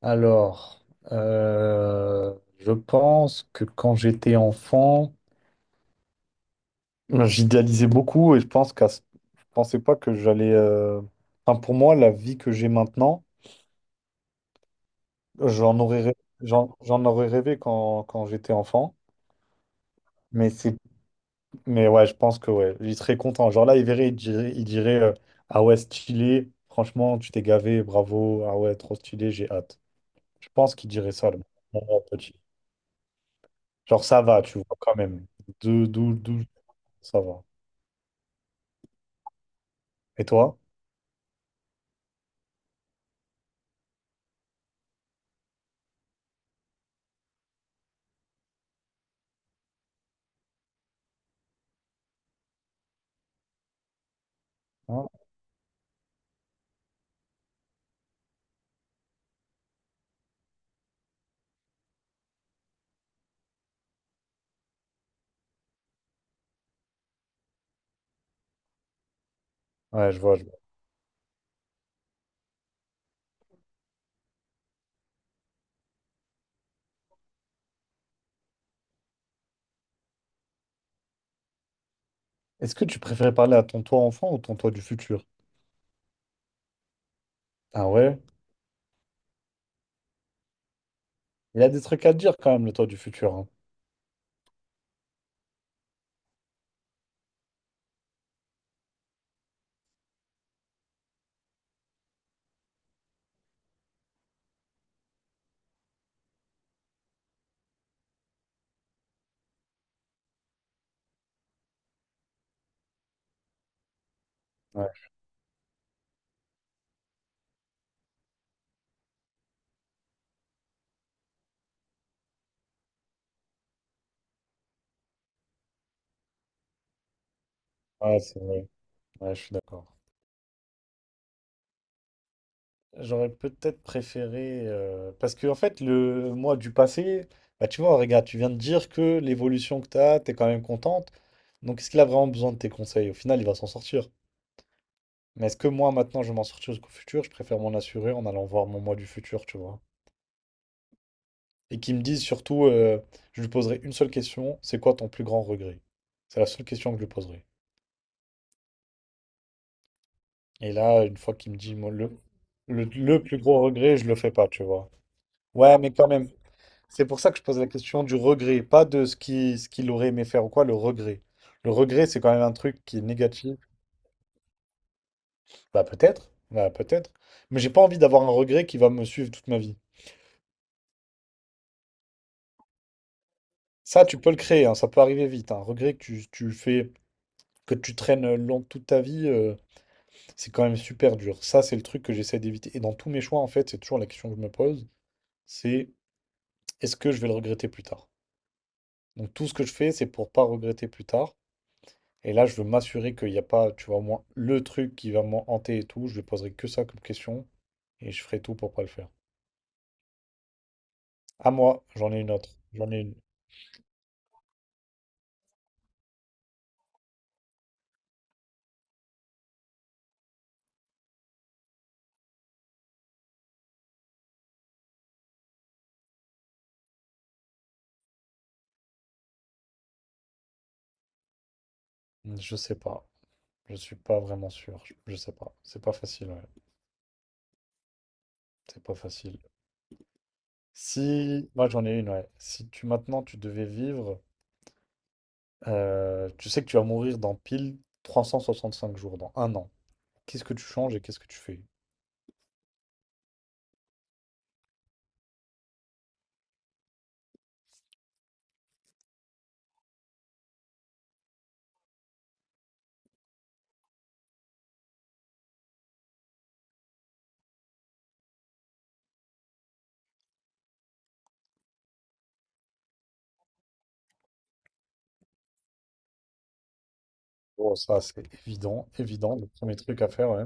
Alors, euh, je pense que quand j'étais enfant, j'idéalisais beaucoup et je pense je pensais pas que j'allais. Enfin, pour moi, la vie que j'ai maintenant, j'en aurais rêvé, j'en aurais rêvé quand j'étais enfant. Mais c'est Mais ouais, je pense que ouais, il serait content. Genre là, il verrait, il dirait ah ouais, stylé, franchement, tu t'es gavé, bravo, ah ouais, trop stylé, j'ai hâte. Je pense qu'il dirait ça, le mon grand petit. Genre ça va, tu vois, quand même. Deux, douze, douze, ça va. Et toi? Hein. Ouais, je vois. Est-ce que tu préférais parler à ton toi enfant ou ton toi du futur? Ah ouais? Il a des trucs à dire quand même, le toit du futur, hein. Ouais, ouais, c'est vrai. Ouais, je suis d'accord. J'aurais peut-être préféré. Parce que, en fait, le moi du passé, bah, tu vois, regarde, tu viens de dire que l'évolution que tu as, tu es quand même contente. Donc, est-ce qu'il a vraiment besoin de tes conseils? Au final, il va s'en sortir. Mais est-ce que moi, maintenant, je vais m'en sortir jusqu'au futur? Je préfère m'en assurer en allant voir mon moi du futur, tu vois. Et qui me dise surtout, je lui poserai une seule question, c'est quoi ton plus grand regret? C'est la seule question que je lui poserai. Et là, une fois qu'il me dit moi, le plus gros regret, je le fais pas, tu vois. Ouais, mais quand même, c'est pour ça que je pose la question du regret, pas de ce ce qu'il aurait aimé faire ou quoi, le regret. Le regret, c'est quand même un truc qui est négatif. Bah peut-être, bah peut-être. Mais j'ai pas envie d'avoir un regret qui va me suivre toute ma vie. Ça, tu peux le créer, hein, ça peut arriver vite. Un regret que tu fais, que tu traînes long toute ta vie, c'est quand même super dur. Ça, c'est le truc que j'essaie d'éviter. Et dans tous mes choix, en fait, c'est toujours la question que je me pose, c'est est-ce que je vais le regretter plus tard? Donc tout ce que je fais, c'est pour pas regretter plus tard. Et là, je veux m'assurer qu'il n'y a pas, tu vois, au moins le truc qui va m'en hanter et tout. Je ne poserai que ça comme question et je ferai tout pour pas le faire. À moi, j'en ai une autre. J'en ai une. Je sais pas. Je suis pas vraiment sûr. Je sais pas. C'est pas facile, ouais. C'est pas facile. Si, moi j'en ai une, ouais. Si tu maintenant tu devais vivre, tu sais que tu vas mourir dans pile 365 jours, dans un an. Qu'est-ce que tu changes et qu'est-ce que tu fais? Oh, ça c'est évident, évident, le premier truc à faire, ouais.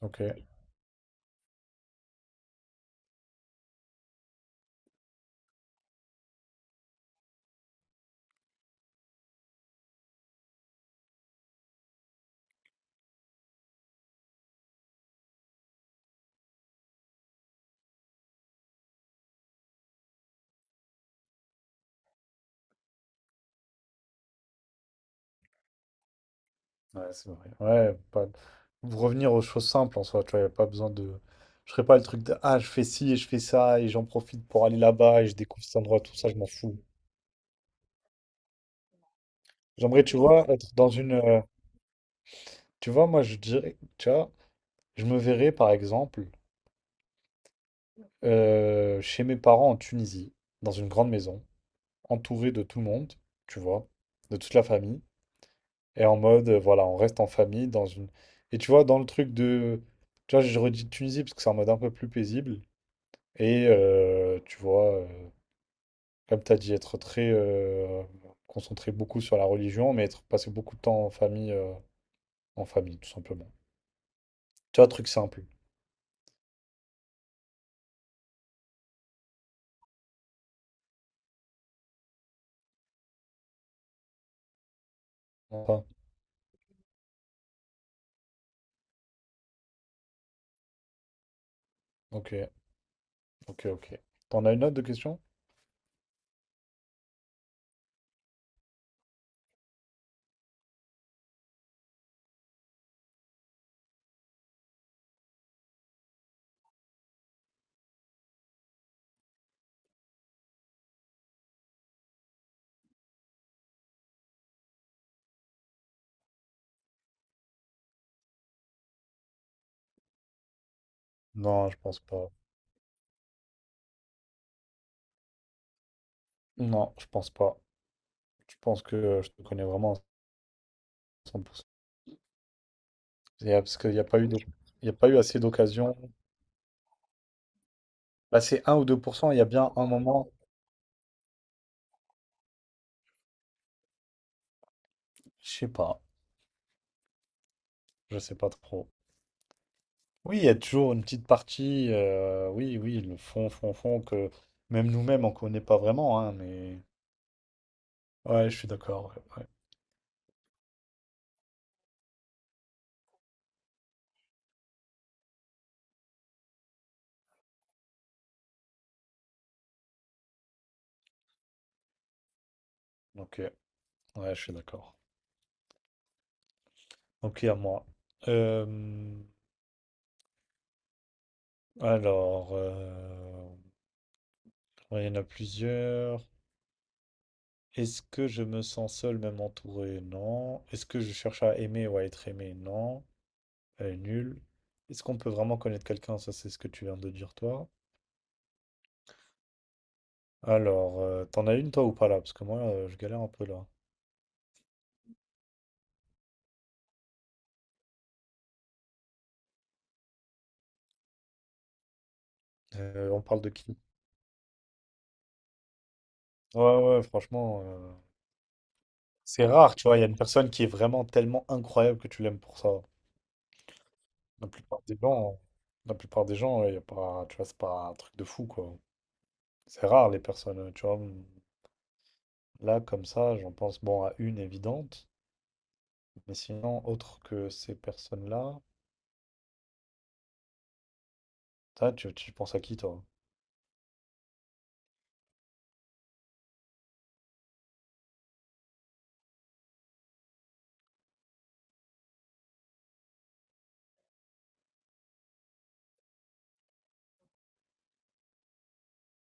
Ok, ouais, c'est vrai. Ouais, pas... vous revenir aux choses simples en soi, tu vois, y a pas besoin de. Je ferai pas le truc de ah, je fais ci et je fais ça et j'en profite pour aller là-bas et je découvre cet endroit, tout ça, je m'en fous. J'aimerais, tu vois, être dans une. Tu vois, moi je dirais, tu vois, je me verrais par exemple, chez mes parents en Tunisie, dans une grande maison, entouré de tout le monde, tu vois, de toute la famille. Et en mode, voilà, on reste en famille dans une. Et tu vois, dans le truc de. Tu vois, je redis Tunisie parce que c'est en mode un peu plus paisible. Et tu vois, comme tu as dit, être très, concentré beaucoup sur la religion, mais être passé beaucoup de temps en famille, en famille, tout simplement. Tu vois, truc simple. Enfin, ok, ok, ok. T'en as une autre de question? Non, je pense pas. Non, je pense pas. Tu penses que je te connais vraiment à 100%. Parce qu'il n'y a pas eu de- il y a pas eu assez d'occasions. Là, c'est un ou 2%. Il y a bien un moment, je sais pas, je sais pas trop. Oui, il y a toujours une petite partie, oui, oui, le fond, fond, fond, que même nous-mêmes, on connaît pas vraiment, hein, mais... Ouais, je suis d'accord, ouais, ouais. Ok, ouais, je suis d'accord. Ok, à moi. Euh, alors, ouais, il y en a plusieurs. Est-ce que je me sens seul, même entouré? Non. Est-ce que je cherche à aimer ou à être aimé? Non. Elle est nulle. Est-ce qu'on peut vraiment connaître quelqu'un? Ça, c'est ce que tu viens de dire, toi. Alors, t'en as une, toi, ou pas, là? Parce que moi, je galère un peu, là. On parle de qui? Ouais, ouais, ouais, franchement, c'est rare, tu vois. Il y a une personne qui est vraiment tellement incroyable que tu l'aimes pour ça. La plupart des gens, la plupart des gens, il y a pas, tu vois, c'est pas un truc de fou, quoi. C'est rare, les personnes, tu vois. Là, comme ça, j'en pense, bon, à une évidente. Mais sinon, autre que ces personnes-là, toi, tu penses à qui, toi?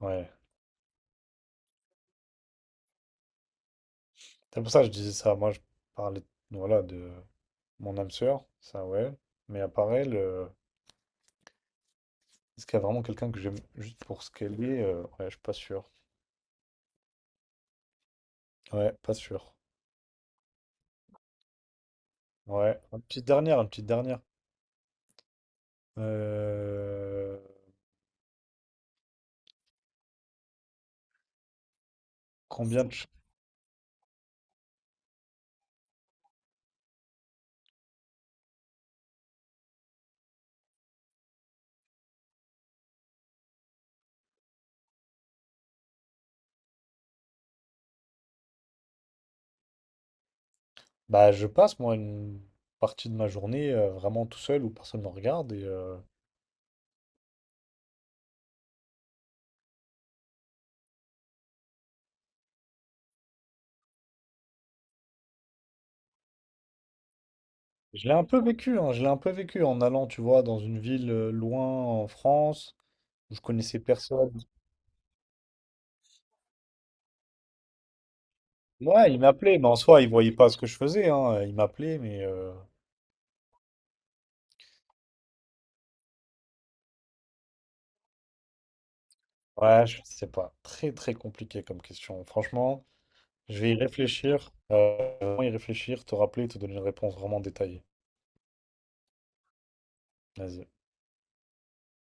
Ouais. C'est pour ça que je disais ça. Je parlais, voilà, de mon âme sœur, ça, ouais. Mais à part elle, est-ce qu'il y a vraiment quelqu'un que j'aime juste pour ce qu'elle est? Ouais, je suis pas sûr. Ouais, pas sûr. Ouais. Une petite dernière, une petite dernière. Euh, Combien de... ch- Bah, je passe, moi, une partie de ma journée vraiment tout seul où personne ne me regarde. Et je l'ai un peu vécu, hein, je l'ai un peu vécu en allant, tu vois, dans une ville loin en France où je connaissais personne. Ouais, il m'appelait, mais en soi, il voyait pas ce que je faisais. Hein, il m'appelait, mais ouais, je sais pas. Très, très compliqué comme question. Franchement, je vais y réfléchir. Vraiment y réfléchir, te rappeler, te donner une réponse vraiment détaillée. Vas-y.